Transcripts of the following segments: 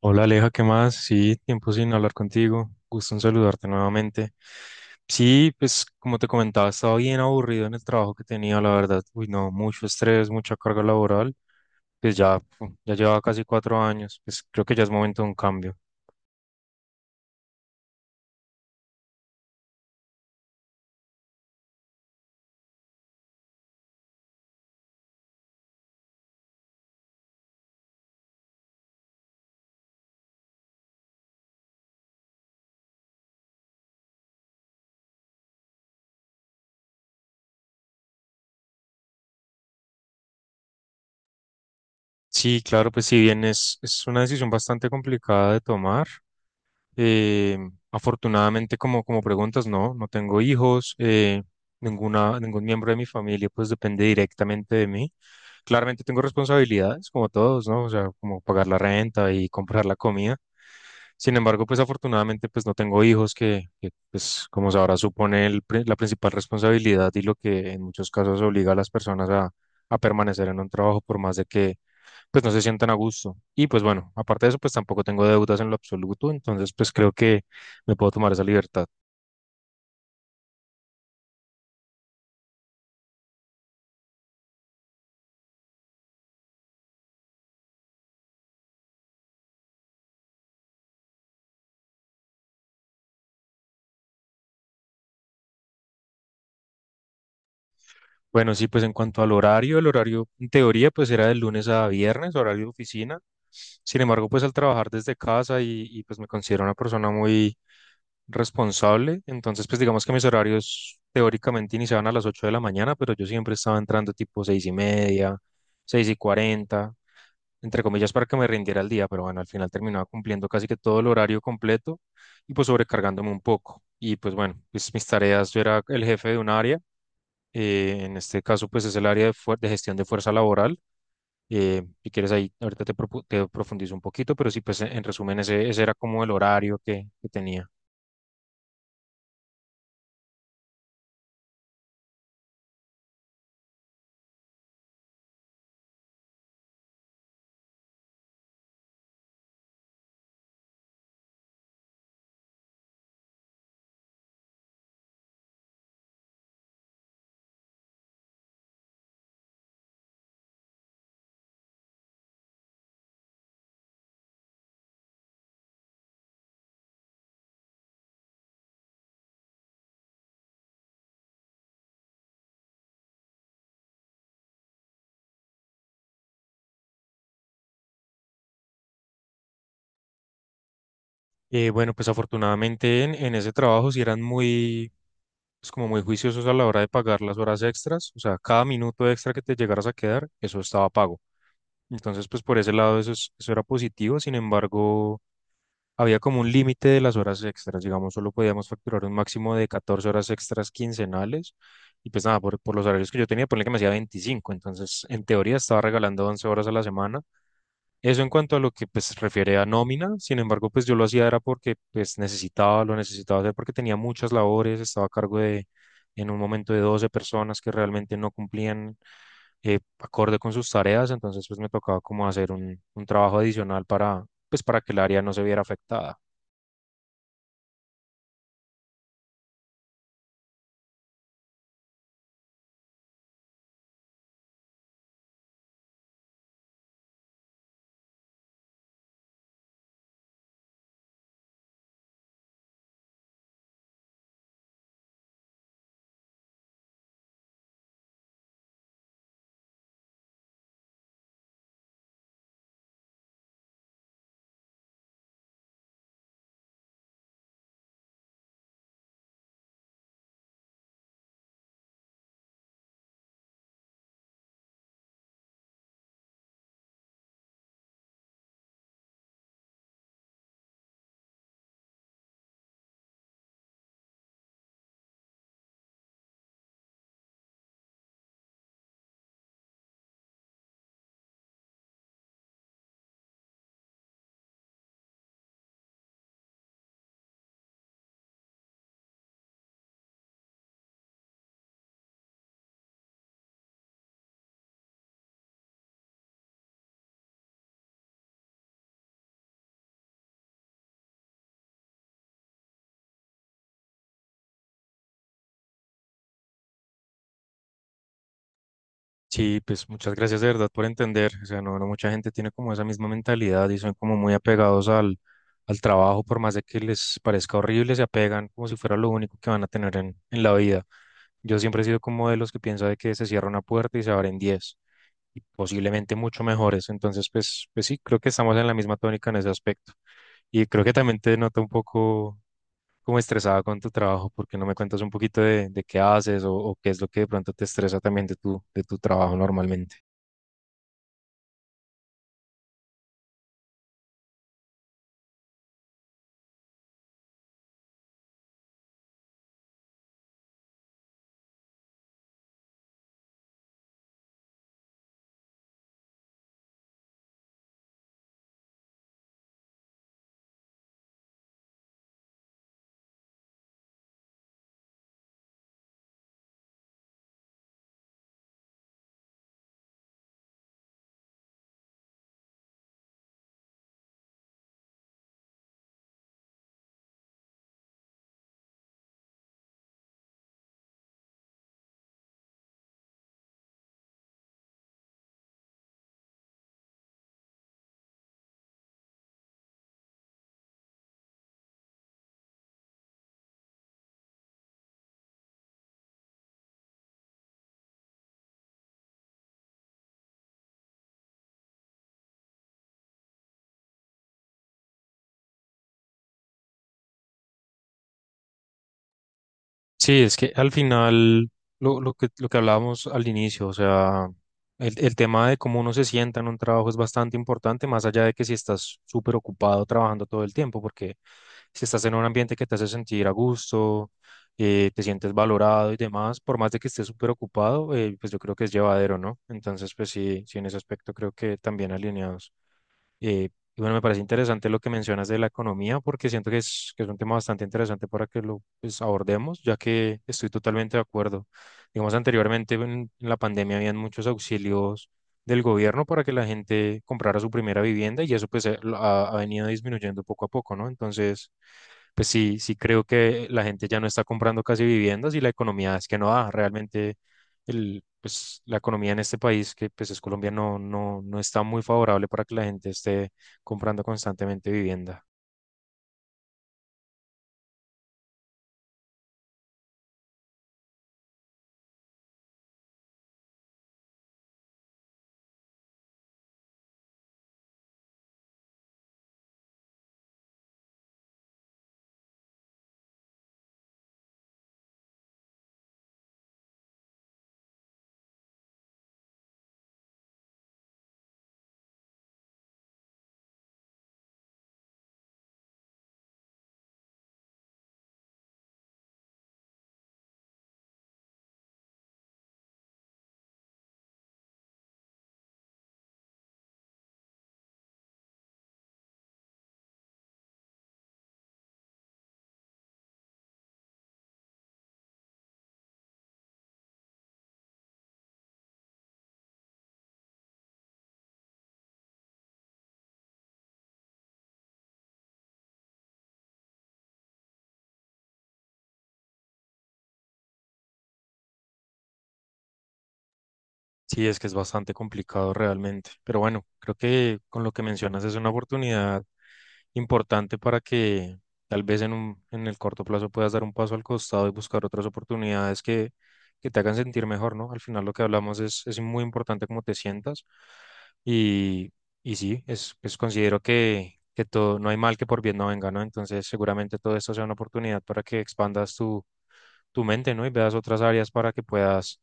Hola Aleja, ¿qué más? Sí, tiempo sin hablar contigo. Gusto en saludarte nuevamente. Sí, pues como te comentaba, estaba bien aburrido en el trabajo que tenía, la verdad. Uy, no, mucho estrés, mucha carga laboral. Pues ya llevaba casi 4 años. Pues creo que ya es momento de un cambio. Sí, claro, pues si bien es una decisión bastante complicada de tomar. Eh, Afortunadamente, como preguntas, no, no tengo hijos. Ningún miembro de mi familia pues depende directamente de mí. Claramente tengo responsabilidades, como todos, ¿no? O sea, como pagar la renta y comprar la comida. Sin embargo, pues afortunadamente pues no tengo hijos pues como sabrá supone la principal responsabilidad y lo que en muchos casos obliga a las personas a permanecer en un trabajo por más de que pues no se sientan a gusto. Y pues bueno, aparte de eso, pues tampoco tengo deudas en lo absoluto, entonces pues creo que me puedo tomar esa libertad. Bueno, sí, pues en cuanto al horario, el horario en teoría pues era de lunes a viernes, horario de oficina. Sin embargo, pues al trabajar desde casa y pues me considero una persona muy responsable, entonces pues digamos que mis horarios teóricamente iniciaban a las 8 de la mañana, pero yo siempre estaba entrando tipo 6 y media, 6:40 entre comillas, para que me rindiera el día, pero bueno, al final terminaba cumpliendo casi que todo el horario completo y pues sobrecargándome un poco. Y pues bueno, pues mis tareas, yo era el jefe de un área. En este caso pues es el área de gestión de fuerza laboral. Si quieres ahí, ahorita te profundizo un poquito, pero sí, pues en resumen, ese era como el horario que tenía. Bueno, pues afortunadamente en ese trabajo sí eran muy, pues como muy juiciosos a la hora de pagar las horas extras. O sea, cada minuto extra que te llegaras a quedar, eso estaba pago. Entonces, pues por ese lado eso era positivo. Sin embargo, había como un límite de las horas extras. Digamos, solo podíamos facturar un máximo de 14 horas extras quincenales y pues nada, por los horarios que yo tenía, ponle que me hacía 25, entonces en teoría estaba regalando 11 horas a la semana, eso en cuanto a lo que pues refiere a nómina. Sin embargo, pues yo lo hacía era porque pues necesitaba, lo necesitaba hacer porque tenía muchas labores, estaba a cargo de en un momento de 12 personas que realmente no cumplían acorde con sus tareas. Entonces pues me tocaba como hacer un trabajo adicional para pues para que el área no se viera afectada. Sí, pues muchas gracias de verdad por entender. O sea, no, mucha gente tiene como esa misma mentalidad y son como muy apegados al trabajo, por más de que les parezca horrible, se apegan como si fuera lo único que van a tener en la vida. Yo siempre he sido como de los que piensa de que se cierra una puerta y se abren 10, y posiblemente mucho mejores. Entonces, pues sí, creo que estamos en la misma tónica en ese aspecto. Y creo que también te nota un poco como estresada con tu trabajo. ¿Por qué no me cuentas un poquito de qué haces o qué es lo que de pronto te estresa también de tu trabajo normalmente? Sí, es que al final, lo que hablábamos al inicio, o sea, el tema de cómo uno se sienta en un trabajo es bastante importante, más allá de que si estás súper ocupado trabajando todo el tiempo, porque si estás en un ambiente que te hace sentir a gusto, te sientes valorado y demás, por más de que estés súper ocupado, pues yo creo que es llevadero, ¿no? Entonces, pues sí, sí, en ese aspecto creo que también alineados. Eh, y bueno, me parece interesante lo que mencionas de la economía, porque siento que que es un tema bastante interesante para que lo pues, abordemos, ya que estoy totalmente de acuerdo. Digamos, anteriormente en la pandemia habían muchos auxilios del gobierno para que la gente comprara su primera vivienda, y eso pues ha venido disminuyendo poco a poco, ¿no? Entonces, pues sí, creo que la gente ya no está comprando casi viviendas y la economía es que no da realmente la economía en este país, que pues es Colombia, no, no está muy favorable para que la gente esté comprando constantemente vivienda. Sí, es que es bastante complicado realmente, pero bueno, creo que con lo que mencionas es una oportunidad importante para que tal vez en el corto plazo puedas dar un paso al costado y buscar otras oportunidades que te hagan sentir mejor, ¿no? Al final lo que hablamos es muy importante cómo te sientas, y, y sí, es considero que todo, no hay mal que por bien no venga, ¿no? Entonces seguramente todo esto sea una oportunidad para que expandas tu mente, ¿no? Y veas otras áreas para que puedas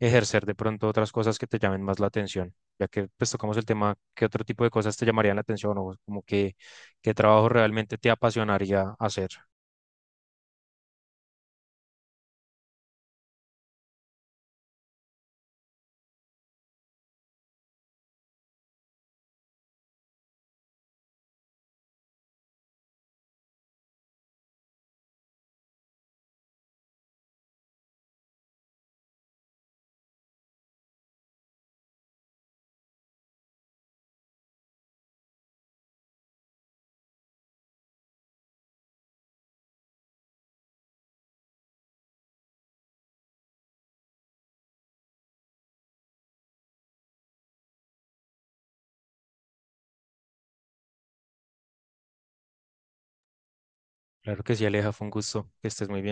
ejercer de pronto otras cosas que te llamen más la atención, ya que pues tocamos el tema, ¿qué otro tipo de cosas te llamarían la atención o como que qué trabajo realmente te apasionaría hacer? Claro que sí, Aleja, fue un gusto, que estés muy bien.